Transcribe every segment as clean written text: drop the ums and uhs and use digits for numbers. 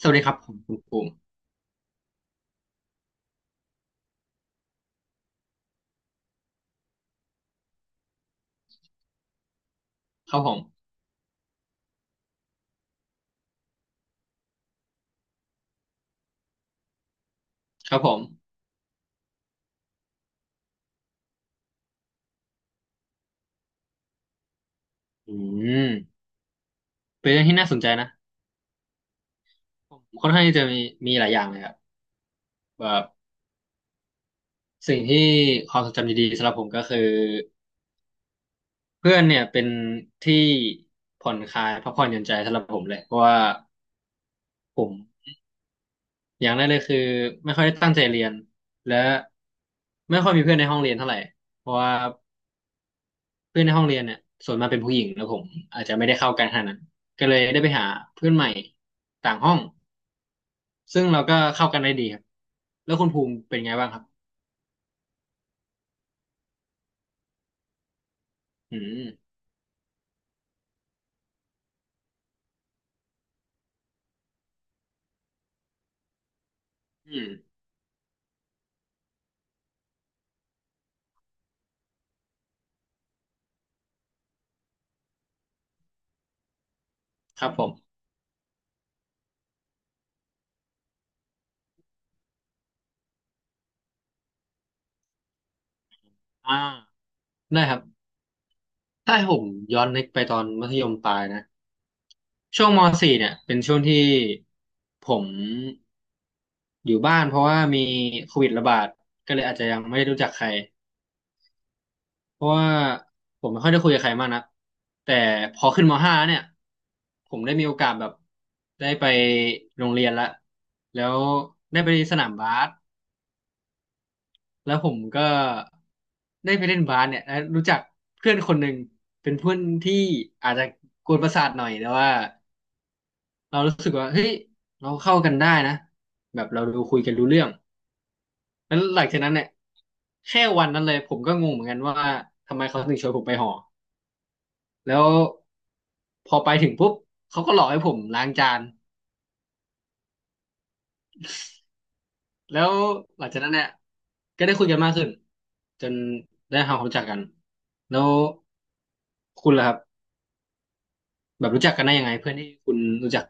สวัสดีครับผมคุณภูมิครับผมครับผมอืมเป็นเรื่องที่น่าสนใจนะผมค่อนข้างที่จะมีหลายอย่างเลยครับแบบสิ่งที่ความทรงจำดีๆสำหรับผมก็คือเพื่อนเนี่ยเป็นที่ผ่อนคลายพักผ่อนหย่อนใจสำหรับผมเลยเพราะว่าผมอย่างแรกเลยคือไม่ค่อยได้ตั้งใจเรียนและไม่ค่อยมีเพื่อนในห้องเรียนเท่าไหร่เพราะว่าเพื่อนในห้องเรียนเนี่ยส่วนมากเป็นผู้หญิงแล้วผมอาจจะไม่ได้เข้ากันขนาดนั้นก็เลยได้ไปหาเพื่อนใหม่ต่างห้อง ซึ่งเราก็เข้ากันได้ดีครับ แล้วคุณภูมิเป็นไงบ้างครับอืมอืม ครับผมอ่าได้ครับถ้าให้ผมย้อนนึกไปตอนมัธยมปลายนะช่วงมสี่เนี่ยเป็นช่วงที่ผมอยู่บ้านเพราะว่ามีโควิดระบาดก็เลยอาจจะยังไม่ได้รู้จักใครเพราะว่าผมไม่ค่อยได้คุยกับใครมากนะแต่พอขึ้นม .5 เนี่ยผมได้มีโอกาสแบบได้ไปโรงเรียนละแล้วได้ไปสนามบาส แล้วผมก็ได้ไปเล่นบาสเนี่ยแล้วรู้จักเพื่อนคนหนึ่งเป็นเพื่อนที่อาจจะกวนประสาทหน่อยแต่ว่าเรารู้สึกว่าเฮ้ยเราเข้ากันได้นะแบบเราดูคุยกันรู้เรื่องแล้วหลังจากนั้นเนี่ยแค่วันนั้นเลยผมก็งงเหมือนกันว่าทำไมเขาถึงชวนผมไปหอแล้วพอไปถึงปุ๊บเขาก็หลอกให้ผมล้างจานแล้วหลังจากนั้นเนี่ยก็ได้คุยกันมากขึ้นจนได้ทำความรู้จักกันแล้วคุณล่ะครับ แบบรู้จักกันได้ยังไงเพื่อนที่คุณรู้จัก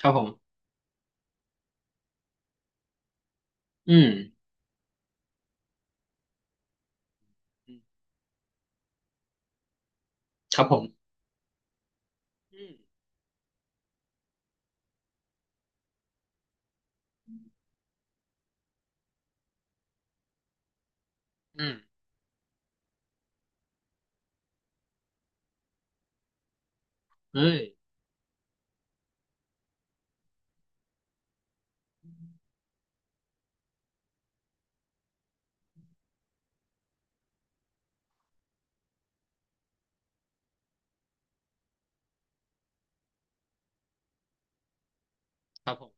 ครับผมอืมอืมครับผมอืมอืมเอ้ยครับผม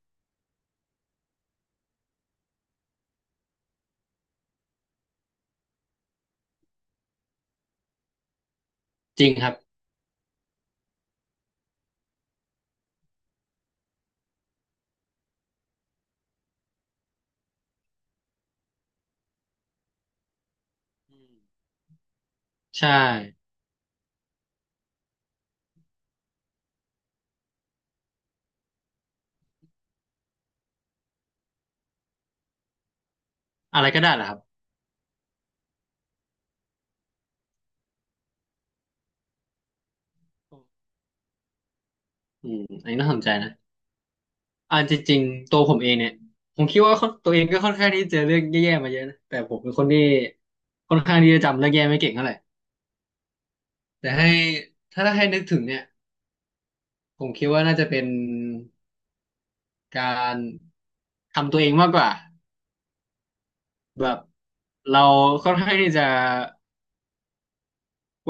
จริงครับอืมใช่อะไรก็ได้เหรอครับอืมอันนี้น่าสนใจนะจริงๆตัวผมเองเนี่ยผมคิดว่าตัวเองก็ค่อนข้างที่จะเจอเรื่องแย่ๆมาเยอะนะแต่ผมเป็นคนที่ค่อนข้างที่จะจำเรื่องแย่ไม่เก่งเท่าไหร่แต่ให้ถ้าให้นึกถึงเนี่ยผมคิดว่าน่าจะเป็นการทำตัวเองมากกว่าแบบเราค่อนข้างที่จะ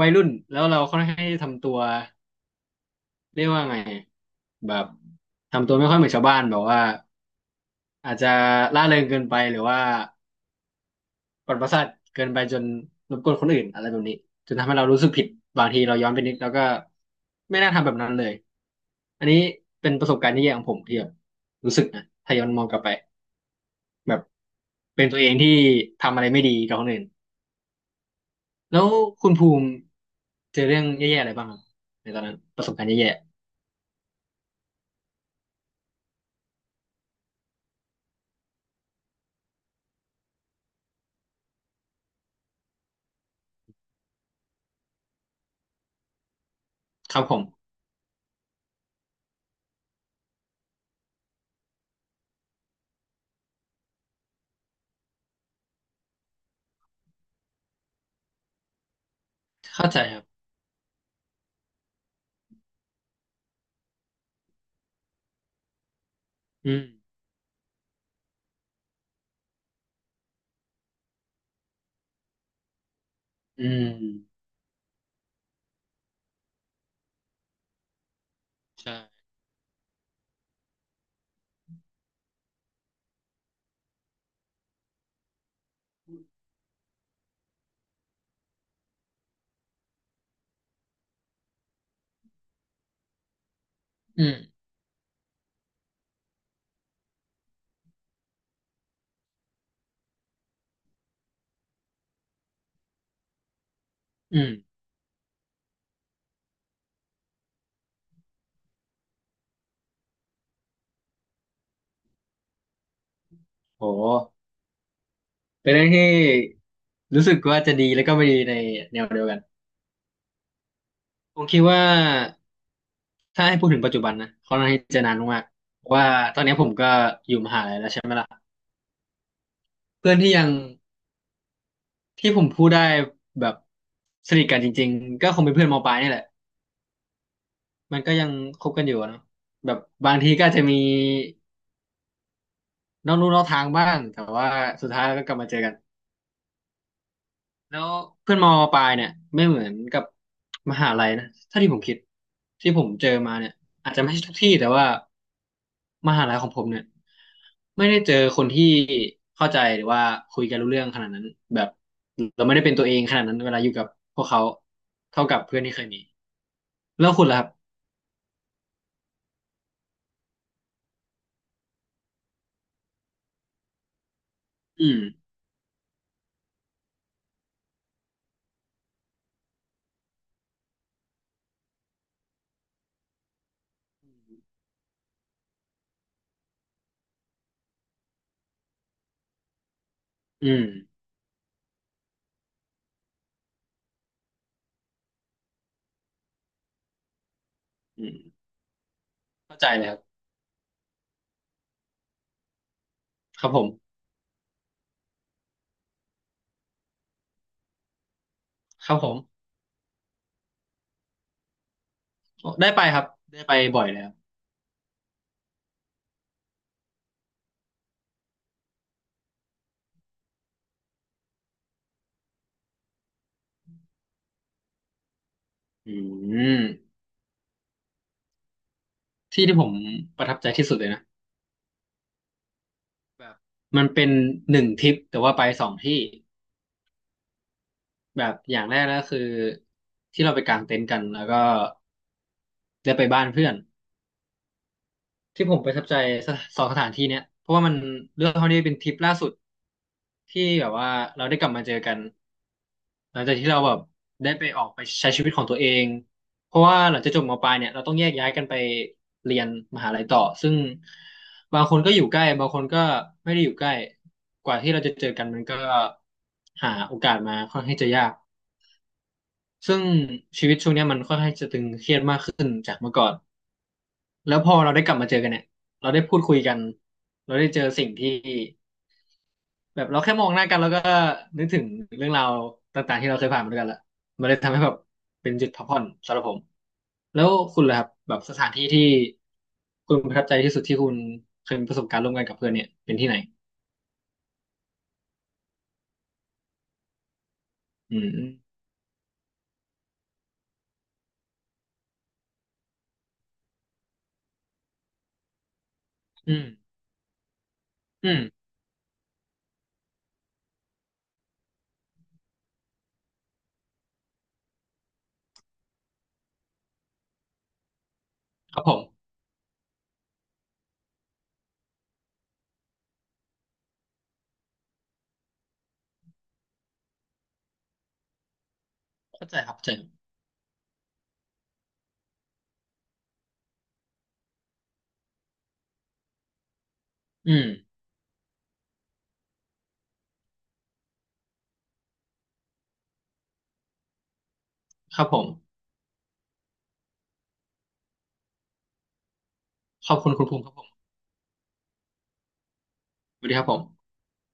วัยรุ่นแล้วเราค่อนข้างที่จะทำตัวเรียกว่าไงแบบทำตัวไม่ค่อยเหมือนชาวบ้านแบบว่าอาจจะล่าเริงเกินไปหรือว่าปนประสาทเกินไปจนรบกวนคนอื่นอะไรแบบนี้จนทำให้เรารู้สึกผิดบางทีเราย้อนไปนิดแล้วก็ไม่น่าทำแบบนั้นเลยอันนี้เป็นประสบการณ์ที่แย่ของผมที่แบบรู้สึกนะถ้าย้อนมองกลับไปแบบเป็นตัวเองที่ทำอะไรไม่ดีกับคนอื่นแล้วคุณภูมิเจอเรื่องแย่ๆอะไรบ้างครับในตอนนั้นประสบการณ์แย่ๆครับผมเข้าใจครับ อืมอืมใช่อืมอืมโหเป็นเรื่องที่รู้สึกว่าจะดีแล้วก็ไม่ดีในแนวเดียวกันผมคิดว่าถ้าให้พูดถึงปัจจุบันนะค่อนข้างที่จะนานมากๆเพราะว่าตอนนี้ผมก็อยู่มหาลัยแล้วใช่ไหมล่ะเพื่อนที่ยังที่ผมพูดได้แบบสนิทกันจริงๆก็คงเป็นเพื่อนมปลายนี่แหละมันก็ยังคบกันอยู่อะเนาะแบบบางทีก็อาจจะมีนอกลู่นอกทางบ้างแต่ว่าสุดท้ายแล้วก็กลับมาเจอกัน แล้วเพื่อนมอปลายเนี่ยไม่เหมือนกับมหาลัยนะถ้าที่ผมคิดที่ผมเจอมาเนี่ยอาจจะไม่ใช่ทุกที่แต่ว่ามหาลัยของผมเนี่ยไม่ได้เจอคนที่เข้าใจหรือว่าคุยกันรู้เรื่องขนาดนั้นแบบเราไม่ได้เป็นตัวเองขนาดนั้นเวลาอยู่กับพวกเขาเท่ากับเพื่อนที่เคยมีแล้วคุณล่ะครับอืมอืมอืมเข้าใจเลยครับครับผมครับผมโอ้ได้ไปครับได้ไปบ่อยแล้วอืมที่ที่ผมประทับใจที่สุดเลยนะ แบบมันเป็นหนึ่งทริปแต่ว่าไปสองที่แบบอย่างแรกก็คือที่เราไปกางเต็นท์กันแล้วก็ได้ไปบ้านเพื่อนที่ผมประทับใจสถสองสถานที่เนี้ยเพราะว่ามันเรื่องเท่านี้เป็นทริปล่าสุดที่แบบว่าเราได้กลับมาเจอกัน หลังจากที่เราแบบได้ไปออกไปใช้ชีวิตของตัวเองเพราะว่าหลังจากจบมปลายเนี่ยเราต้องแยกย้ายกันไปเรียนมหาลัยต่อซึ่งบางคนก็อยู่ใกล้บางคนก็ไม่ได้อยู่ใกล้กว่าที่เราจะเจอกันมันก็หาโอกาสมาค่อนข้างจะยากซึ่งชีวิตช่วงเนี้ยมันค่อนข้างจะตึงเครียดมากขึ้นจากเมื่อก่อนแล้วพอเราได้กลับมาเจอกันเนี่ยเราได้พูดคุยกันเราได้เจอสิ่งที่ แบบเราแค่มองหน้ากันแล้วก็นึกถึงเรื่องราวต่างๆที่เราเคยผ่านมาด้วยกันละมันเลยทำให้แบบเป็นจุดพักผ่อนสำหรับผมแล้วคุณล่ะครับแบบสถานที่ที่คุณประทับใจที่สุดที่คุณเคยมีประสบการณ์ร่วมกันกับเพื่อนเนี่ยเป็นที่ไหนอืมอืมอืมครับผมเข้าใจครับเข้าใจอืมครับผมขอบคุณคุณภูมิครับผมสวัสดีครับผม